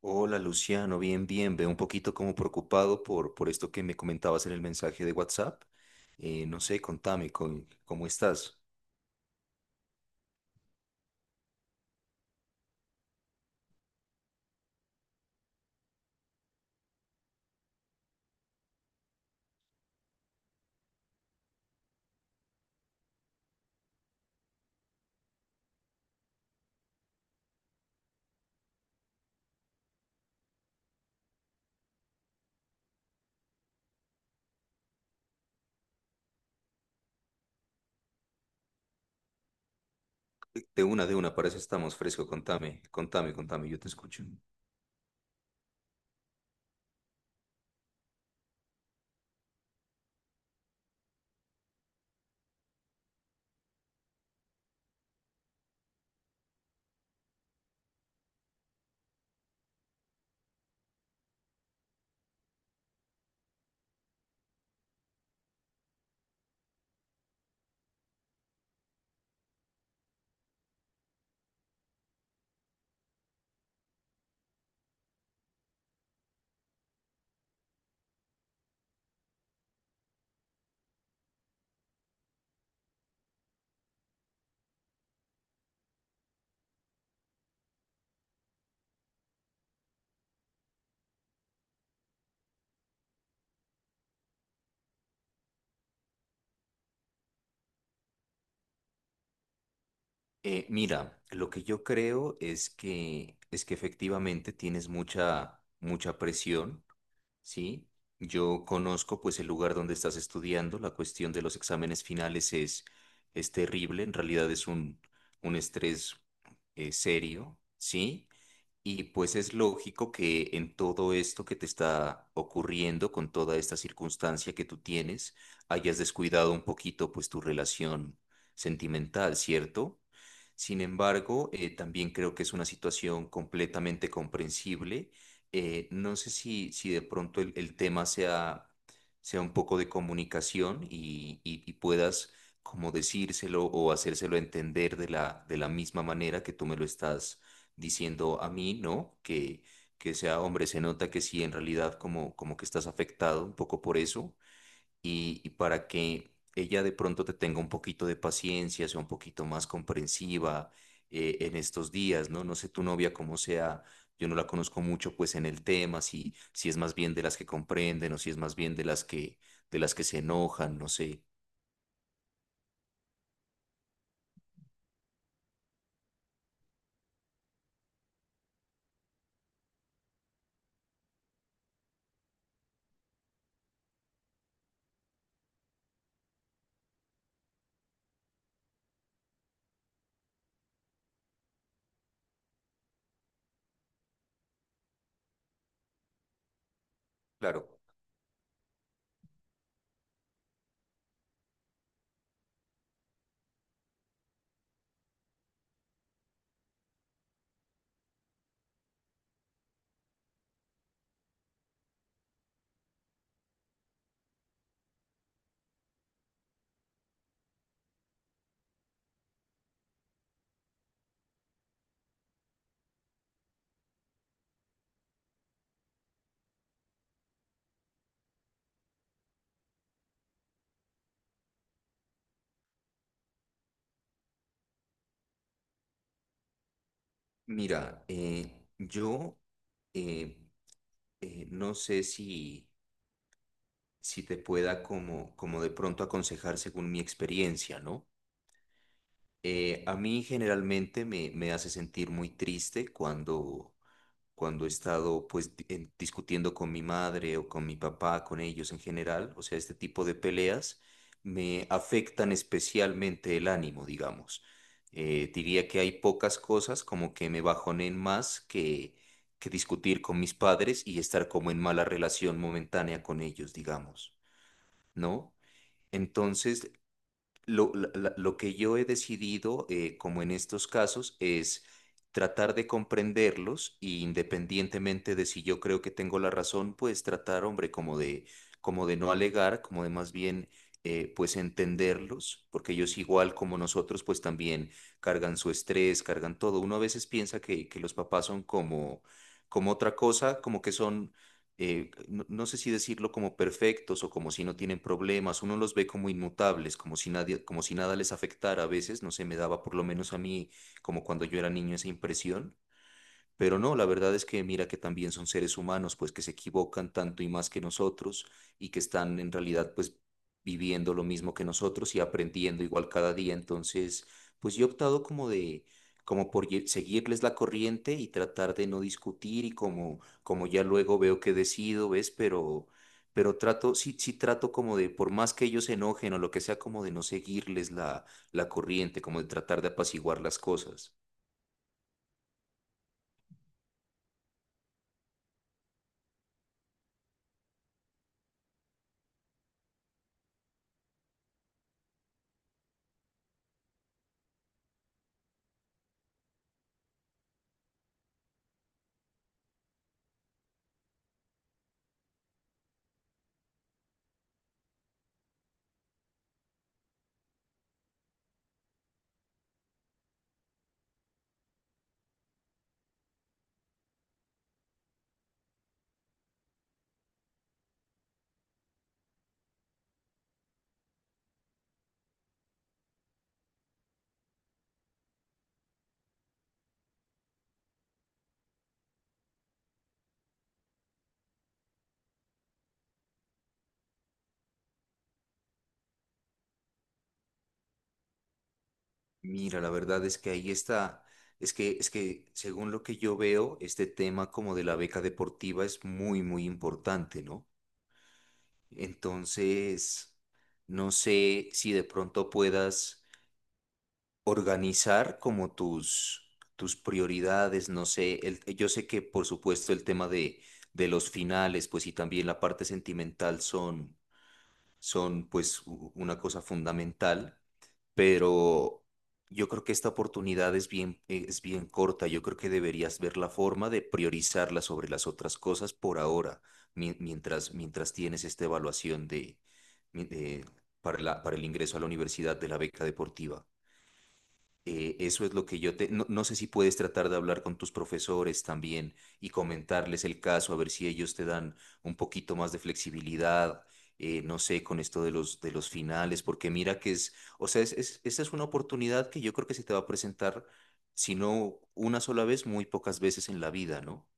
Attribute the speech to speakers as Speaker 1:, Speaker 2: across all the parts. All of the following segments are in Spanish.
Speaker 1: Hola Luciano, bien, bien. Veo un poquito como preocupado por esto que me comentabas en el mensaje de WhatsApp. No sé, contame, ¿cómo estás? De una, para eso estamos fresco. Contame, contame, contame, yo te escucho. Mira, lo que yo creo es que efectivamente tienes mucha mucha presión, ¿sí? Yo conozco pues el lugar donde estás estudiando, la cuestión de los exámenes finales es terrible, en realidad es un estrés serio, ¿sí? Y pues es lógico que en todo esto que te está ocurriendo, con toda esta circunstancia que tú tienes, hayas descuidado un poquito pues tu relación sentimental, ¿cierto? Sin embargo, también creo que es una situación completamente comprensible. No sé si de pronto el tema sea, sea un poco de comunicación y puedas como decírselo o hacérselo entender de la misma manera que tú me lo estás diciendo a mí, ¿no? Que sea hombre, se nota que sí, en realidad como, como que estás afectado un poco por eso y para que ella de pronto te tenga un poquito de paciencia, sea un poquito más comprensiva en estos días, ¿no? No sé tu novia cómo sea, yo no la conozco mucho pues en el tema, si es más bien de las que comprenden o si es más bien de las que se enojan, no sé. Claro, mira, yo eh, no sé si te pueda como, como de pronto aconsejar según mi experiencia, ¿no? A mí generalmente me, me hace sentir muy triste cuando, cuando he estado pues discutiendo con mi madre o con mi papá, con ellos en general, o sea, este tipo de peleas me afectan especialmente el ánimo, digamos. Diría que hay pocas cosas como que me bajonen más que discutir con mis padres y estar como en mala relación momentánea con ellos, digamos, ¿no? Entonces, lo que yo he decidido, como en estos casos, es tratar de comprenderlos y independientemente de si yo creo que tengo la razón, pues tratar, hombre, como de no alegar, como de más bien, pues entenderlos, porque ellos igual como nosotros, pues también cargan su estrés, cargan todo. Uno a veces piensa que los papás son como, como otra cosa, como que son no, no sé si decirlo como perfectos o como si no tienen problemas, uno los ve como inmutables, como si nadie, como si nada les afectara a veces, no sé, me daba por lo menos a mí, como cuando yo era niño, esa impresión. Pero no, la verdad es que mira que también son seres humanos, pues que se equivocan tanto y más que nosotros y que están en realidad pues viviendo lo mismo que nosotros y aprendiendo igual cada día. Entonces, pues yo he optado como de, como por seguirles la corriente y tratar de no discutir y como, como ya luego veo que decido, ¿ves? Pero trato, sí, sí trato como de, por más que ellos se enojen o lo que sea, como de no seguirles la, la corriente, como de tratar de apaciguar las cosas. Mira, la verdad es que ahí está. Es que según lo que yo veo, este tema como de la beca deportiva es muy, muy importante, ¿no? Entonces, no sé si de pronto puedas organizar como tus, tus prioridades, no sé, yo sé que por supuesto el tema de los finales, pues y también la parte sentimental son pues una cosa fundamental, pero yo creo que esta oportunidad es bien corta. Yo creo que deberías ver la forma de priorizarla sobre las otras cosas por ahora, mientras tienes esta evaluación de, mi- de- para para el ingreso a la universidad de la beca deportiva. Eso es lo que yo te... No, no sé si puedes tratar de hablar con tus profesores también y comentarles el caso, a ver si ellos te dan un poquito más de flexibilidad, no sé, con esto de los finales, porque mira que es, o sea, esta es una oportunidad que yo creo que se te va a presentar, si no una sola vez, muy pocas veces en la vida, ¿no?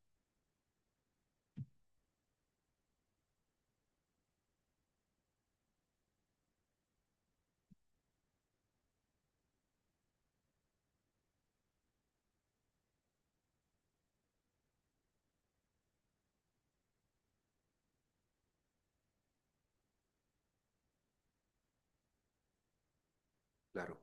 Speaker 1: Claro.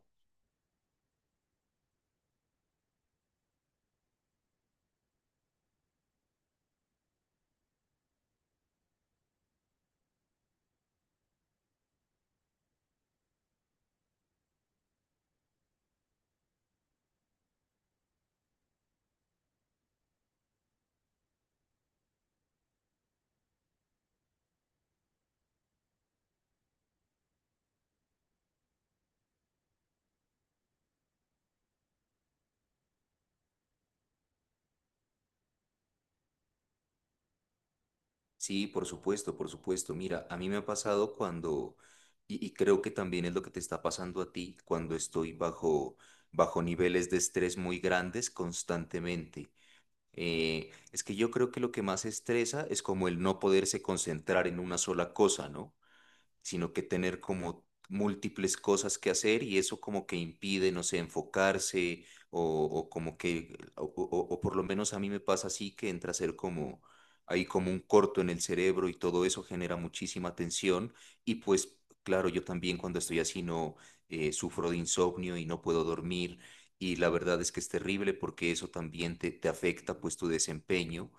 Speaker 1: Sí, por supuesto, por supuesto. Mira, a mí me ha pasado cuando, y creo que también es lo que te está pasando a ti, cuando estoy bajo, bajo niveles de estrés muy grandes constantemente. Es que yo creo que lo que más estresa es como el no poderse concentrar en una sola cosa, ¿no? Sino que tener como múltiples cosas que hacer y eso como que impide, no sé, enfocarse o como que, o por lo menos a mí me pasa así que entra a ser como, hay como un corto en el cerebro y todo eso genera muchísima tensión y pues claro, yo también cuando estoy así no sufro de insomnio y no puedo dormir y la verdad es que es terrible porque eso también te afecta pues tu desempeño.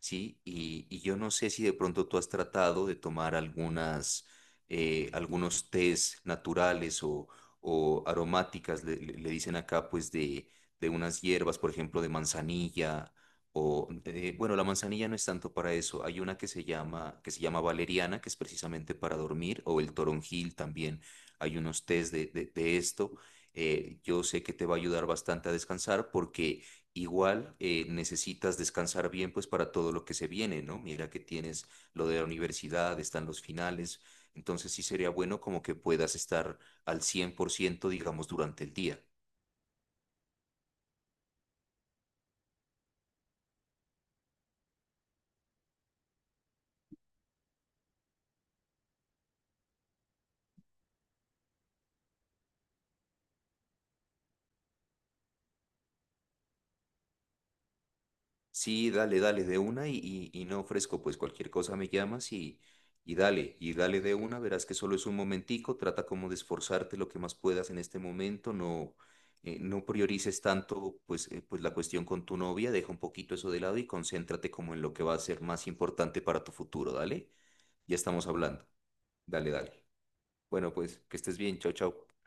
Speaker 1: Sí, y yo no sé si de pronto tú has tratado de tomar algunas, algunos tés naturales o aromáticas, le dicen acá, pues de unas hierbas, por ejemplo, de manzanilla, o, bueno, la manzanilla no es tanto para eso, hay una que se llama valeriana, que es precisamente para dormir, o el toronjil también, hay unos tés de, de esto. Yo sé que te va a ayudar bastante a descansar porque igual necesitas descansar bien pues para todo lo que se viene, ¿no? Mira que tienes lo de la universidad, están los finales. Entonces sí sería bueno como que puedas estar al 100% digamos, durante el día. Sí, dale, dale de una y no ofrezco, pues cualquier cosa me llamas y dale de una, verás que solo es un momentico, trata como de esforzarte lo que más puedas en este momento, no, no priorices tanto pues, pues la cuestión con tu novia, deja un poquito eso de lado y concéntrate como en lo que va a ser más importante para tu futuro, dale, ya estamos hablando, dale, dale. Bueno, pues que estés bien, chao, chao.